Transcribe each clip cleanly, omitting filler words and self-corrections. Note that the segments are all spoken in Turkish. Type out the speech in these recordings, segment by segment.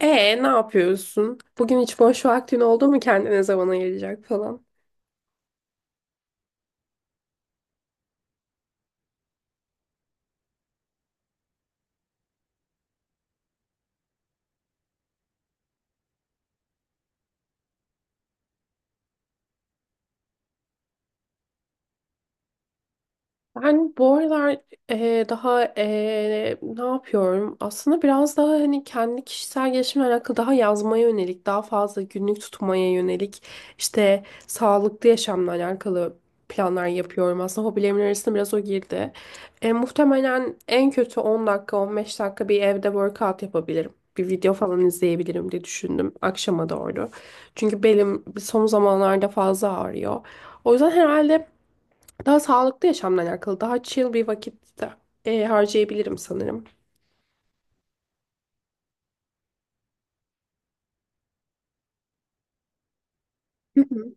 E ne yapıyorsun? Bugün hiç boş vaktin oldu mu kendine zaman ayıracak falan? Ben bu aralar daha ne yapıyorum? Aslında biraz daha hani kendi kişisel gelişimle alakalı daha yazmaya yönelik, daha fazla günlük tutmaya yönelik, işte sağlıklı yaşamla alakalı planlar yapıyorum. Aslında hobilerimin arasında biraz o girdi. Muhtemelen en kötü 10 dakika, 15 dakika bir evde workout yapabilirim. Bir video falan izleyebilirim diye düşündüm akşama doğru. Çünkü belim son zamanlarda fazla ağrıyor. O yüzden herhalde daha sağlıklı yaşamla alakalı, daha chill bir vakit de, harcayabilirim sanırım. Hı hı.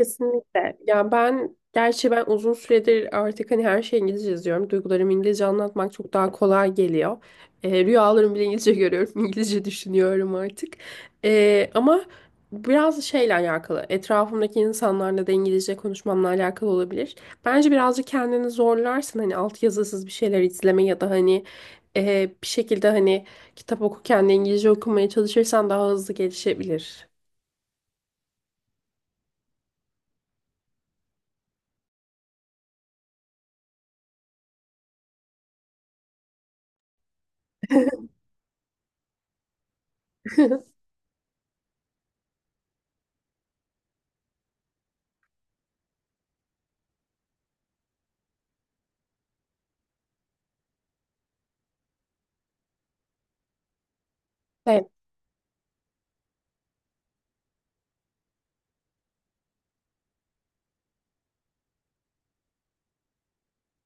Kesinlikle. Ya ben gerçi uzun süredir artık hani her şeyi İngilizce yazıyorum. Duygularımı İngilizce anlatmak çok daha kolay geliyor. Rüyalarımı bile İngilizce görüyorum. İngilizce düşünüyorum artık. Ama biraz şeyle alakalı. Etrafımdaki insanlarla da İngilizce konuşmamla alakalı olabilir. Bence birazcık kendini zorlarsın. Hani altyazısız bir şeyler izleme ya da hani bir şekilde hani kitap okurken de İngilizce okumaya çalışırsan daha hızlı gelişebilir.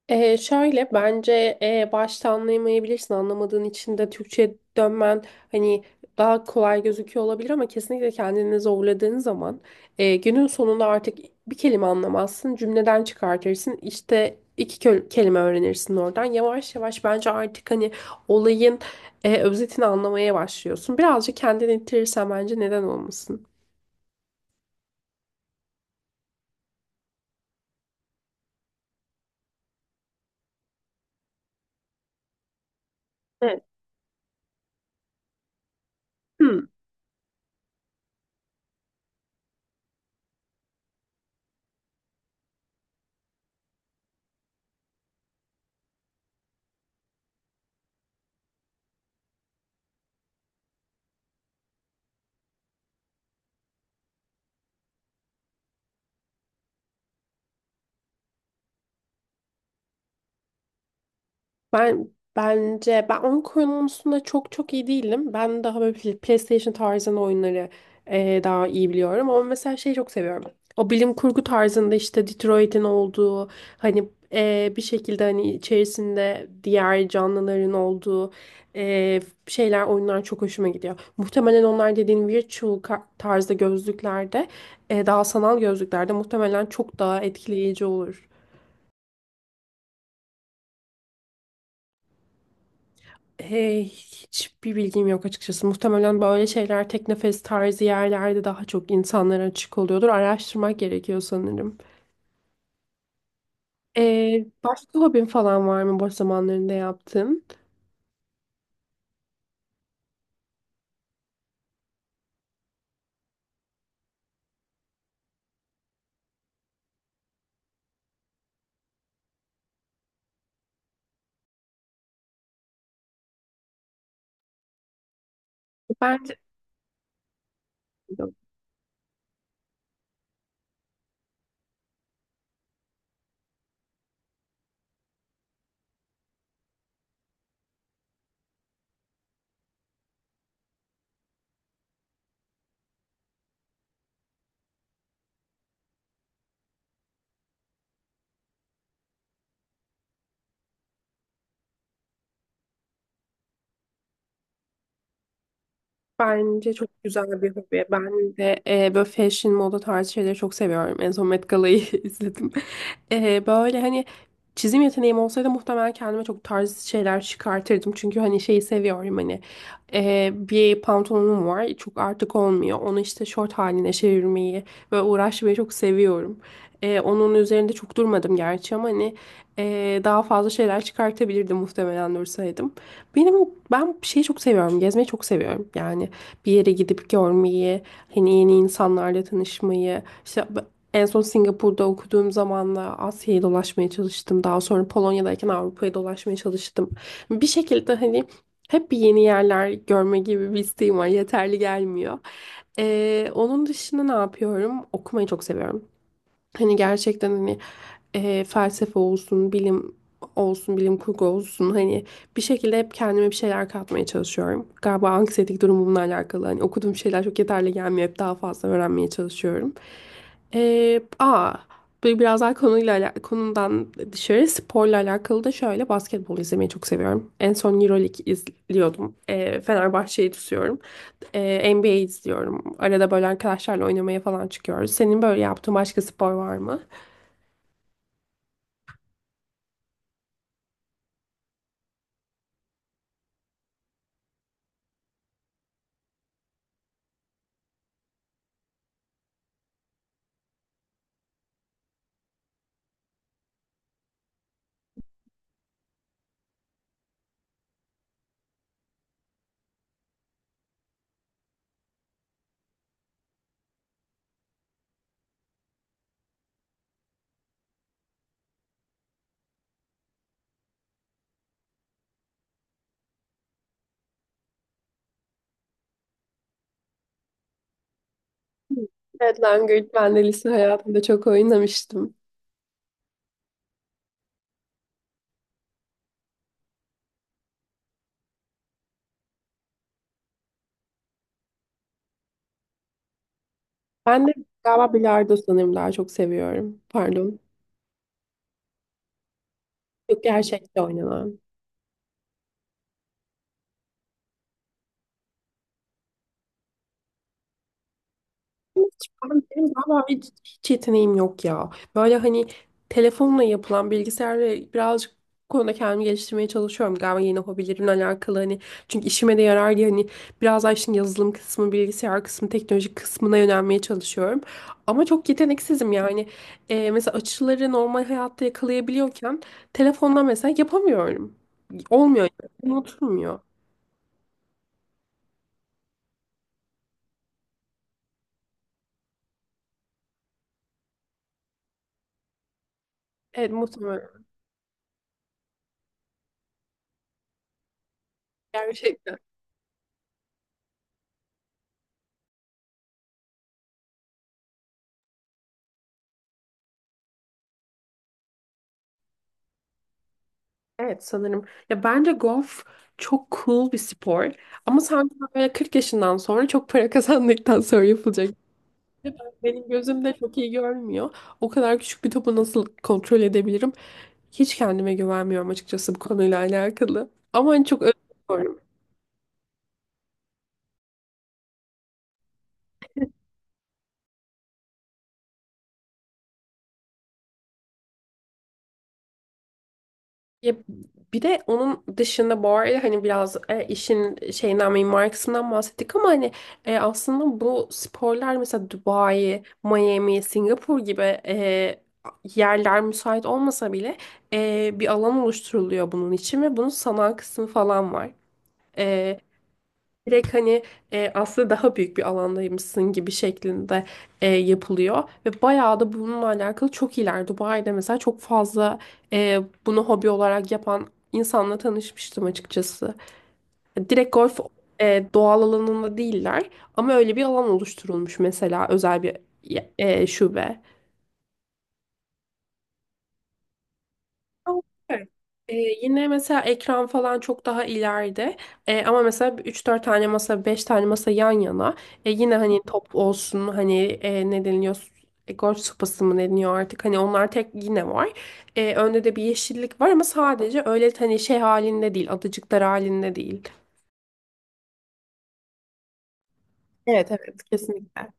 Şöyle bence başta anlayamayabilirsin. Anlamadığın için de Türkçe'ye dönmen hani daha kolay gözüküyor olabilir ama kesinlikle kendini zorladığın zaman günün sonunda artık bir kelime anlamazsın. Cümleden çıkartırsın. İşte kelime öğrenirsin oradan. Yavaş yavaş bence artık hani olayın özetini anlamaya başlıyorsun. Birazcık kendini ittirirsen bence neden olmasın. Evet. Ben bence ben oyun konusunda çok iyi değilim. Ben daha böyle PlayStation tarzında oyunları daha iyi biliyorum. Ama mesela şeyi çok seviyorum. O bilim kurgu tarzında işte Detroit'in olduğu hani bir şekilde hani içerisinde diğer canlıların olduğu eee, şeyler oyunlar çok hoşuma gidiyor. Muhtemelen onlar dediğin tarzda gözlüklerde daha sanal gözlüklerde muhtemelen çok daha etkileyici olur. Hey, hiçbir bilgim yok açıkçası. Muhtemelen böyle şeyler teknofest tarzı yerlerde daha çok insanlara açık oluyordur. Araştırmak gerekiyor sanırım. Başka hobin falan var mı boş zamanlarında yaptığın? Bence Bence çok güzel bir hobi. Ben de böyle fashion, moda tarzı şeyleri çok seviyorum. En son Met Gala'yı izledim. Böyle hani çizim yeteneğim olsaydı muhtemelen kendime çok tarz şeyler çıkartırdım. Çünkü hani şeyi seviyorum hani bir pantolonum var. Çok artık olmuyor. Onu işte şort haline çevirmeyi ve uğraşmayı çok seviyorum. Onun üzerinde çok durmadım gerçi ama hani daha fazla şeyler çıkartabilirdim muhtemelen dursaydım. Benim Ben şeyi çok seviyorum. Gezmeyi çok seviyorum. Yani bir yere gidip görmeyi, hani yeni insanlarla tanışmayı. İşte en son Singapur'da okuduğum zaman da Asya'yı dolaşmaya çalıştım. Daha sonra Polonya'dayken Avrupa'yı dolaşmaya çalıştım. Bir şekilde hani hep bir yeni yerler görme gibi bir isteğim var. Yeterli gelmiyor. Onun dışında ne yapıyorum? Okumayı çok seviyorum. Hani gerçekten hani felsefe olsun, bilim olsun, bilim kurgu olsun hani bir şekilde hep kendime bir şeyler katmaya çalışıyorum. Galiba anksiyetik durumumla alakalı hani okuduğum şeyler çok yeterli gelmiyor. Hep daha fazla öğrenmeye çalışıyorum. E, aa, Böyle biraz daha konudan dışarı sporla alakalı da şöyle basketbol izlemeyi çok seviyorum. En son Euroleague izliyordum. Fenerbahçe'yi tutuyorum. NBA izliyorum. Arada böyle arkadaşlarla oynamaya falan çıkıyoruz. Senin böyle yaptığın başka spor var mı? Evet, langırt ben de lise hayatımda çok oynamıştım. Ben de galiba bilardo sanırım daha çok seviyorum. Pardon. Çok gerçekçi oynanan. Hiç- Benim vallahi hiç yeteneğim yok ya. Böyle hani telefonla yapılan bilgisayarla birazcık bu konuda kendimi geliştirmeye çalışıyorum. Galiba yeni hobilerimle alakalı hani çünkü işime de yarar diye hani biraz daha işin yazılım kısmı, bilgisayar kısmı, teknoloji kısmına yönelmeye çalışıyorum. Ama çok yeteneksizim yani. Mesela açıları normal hayatta yakalayabiliyorken telefonla mesela yapamıyorum. Olmuyor yani. Unutulmuyor. Evet muhtemelen. Gerçekten. Evet sanırım. Ya bence golf çok cool bir spor. Ama sanki böyle 40 yaşından sonra çok para kazandıktan sonra yapılacak. Benim gözümde çok iyi görmüyor. O kadar küçük bir topu nasıl kontrol edebilirim? Hiç kendime güvenmiyorum açıkçası bu konuyla alakalı. Ama hani çok özgür. Ya bir de onun dışında bu arada hani biraz işin şeyinden mimari kısmından bahsettik ama hani aslında bu sporlar mesela Dubai, Miami, Singapur gibi yerler müsait olmasa bile bir alan oluşturuluyor bunun için ve bunun sanal kısmı falan var. E, Direkt hani aslında daha büyük bir alandaymışsın gibi şeklinde yapılıyor. Ve bayağı da bununla alakalı çok iyiler. Dubai'de mesela çok fazla e, bunu hobi olarak yapan insanla tanışmıştım açıkçası. Direkt golf doğal alanında değiller ama öyle bir alan oluşturulmuş mesela özel bir şube. Ama süper. Yine mesela ekran falan çok daha ileride. Ama mesela üç dört tane masa, 5 tane masa yan yana. Yine hani top olsun hani ne deniliyor? Golf sopası mı deniyor artık? Hani onlar tek yine var. Önde de bir yeşillik var ama sadece öyle hani şey halinde değil, adacıklar halinde değil. Evet evet. Kesinlikle.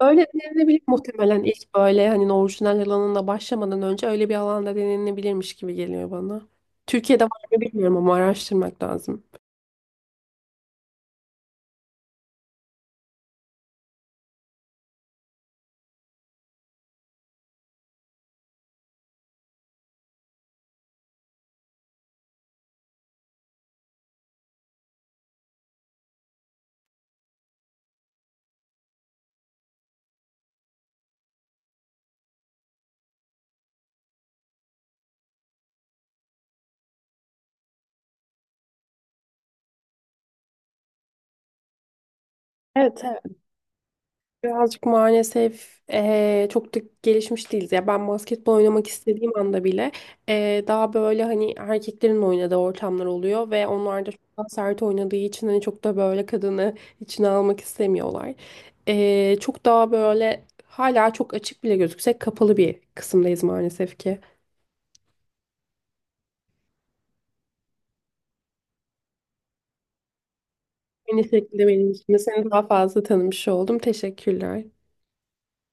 Öyle denenebilir muhtemelen ilk böyle hani orijinal alanında başlamadan önce öyle bir alanda denenebilirmiş gibi geliyor bana. Türkiye'de var mı bilmiyorum ama araştırmak lazım. Evet. Evet. Birazcık maalesef çok da gelişmiş değiliz. Ya ben basketbol oynamak istediğim anda bile daha böyle hani erkeklerin oynadığı ortamlar oluyor ve onlar da çok daha sert oynadığı için hani çok da böyle kadını içine almak istemiyorlar. Çok daha böyle hala çok açık bile gözüksek kapalı bir kısımdayız maalesef ki. Aynı şekilde benim için de seni daha fazla tanımış oldum. Teşekkürler.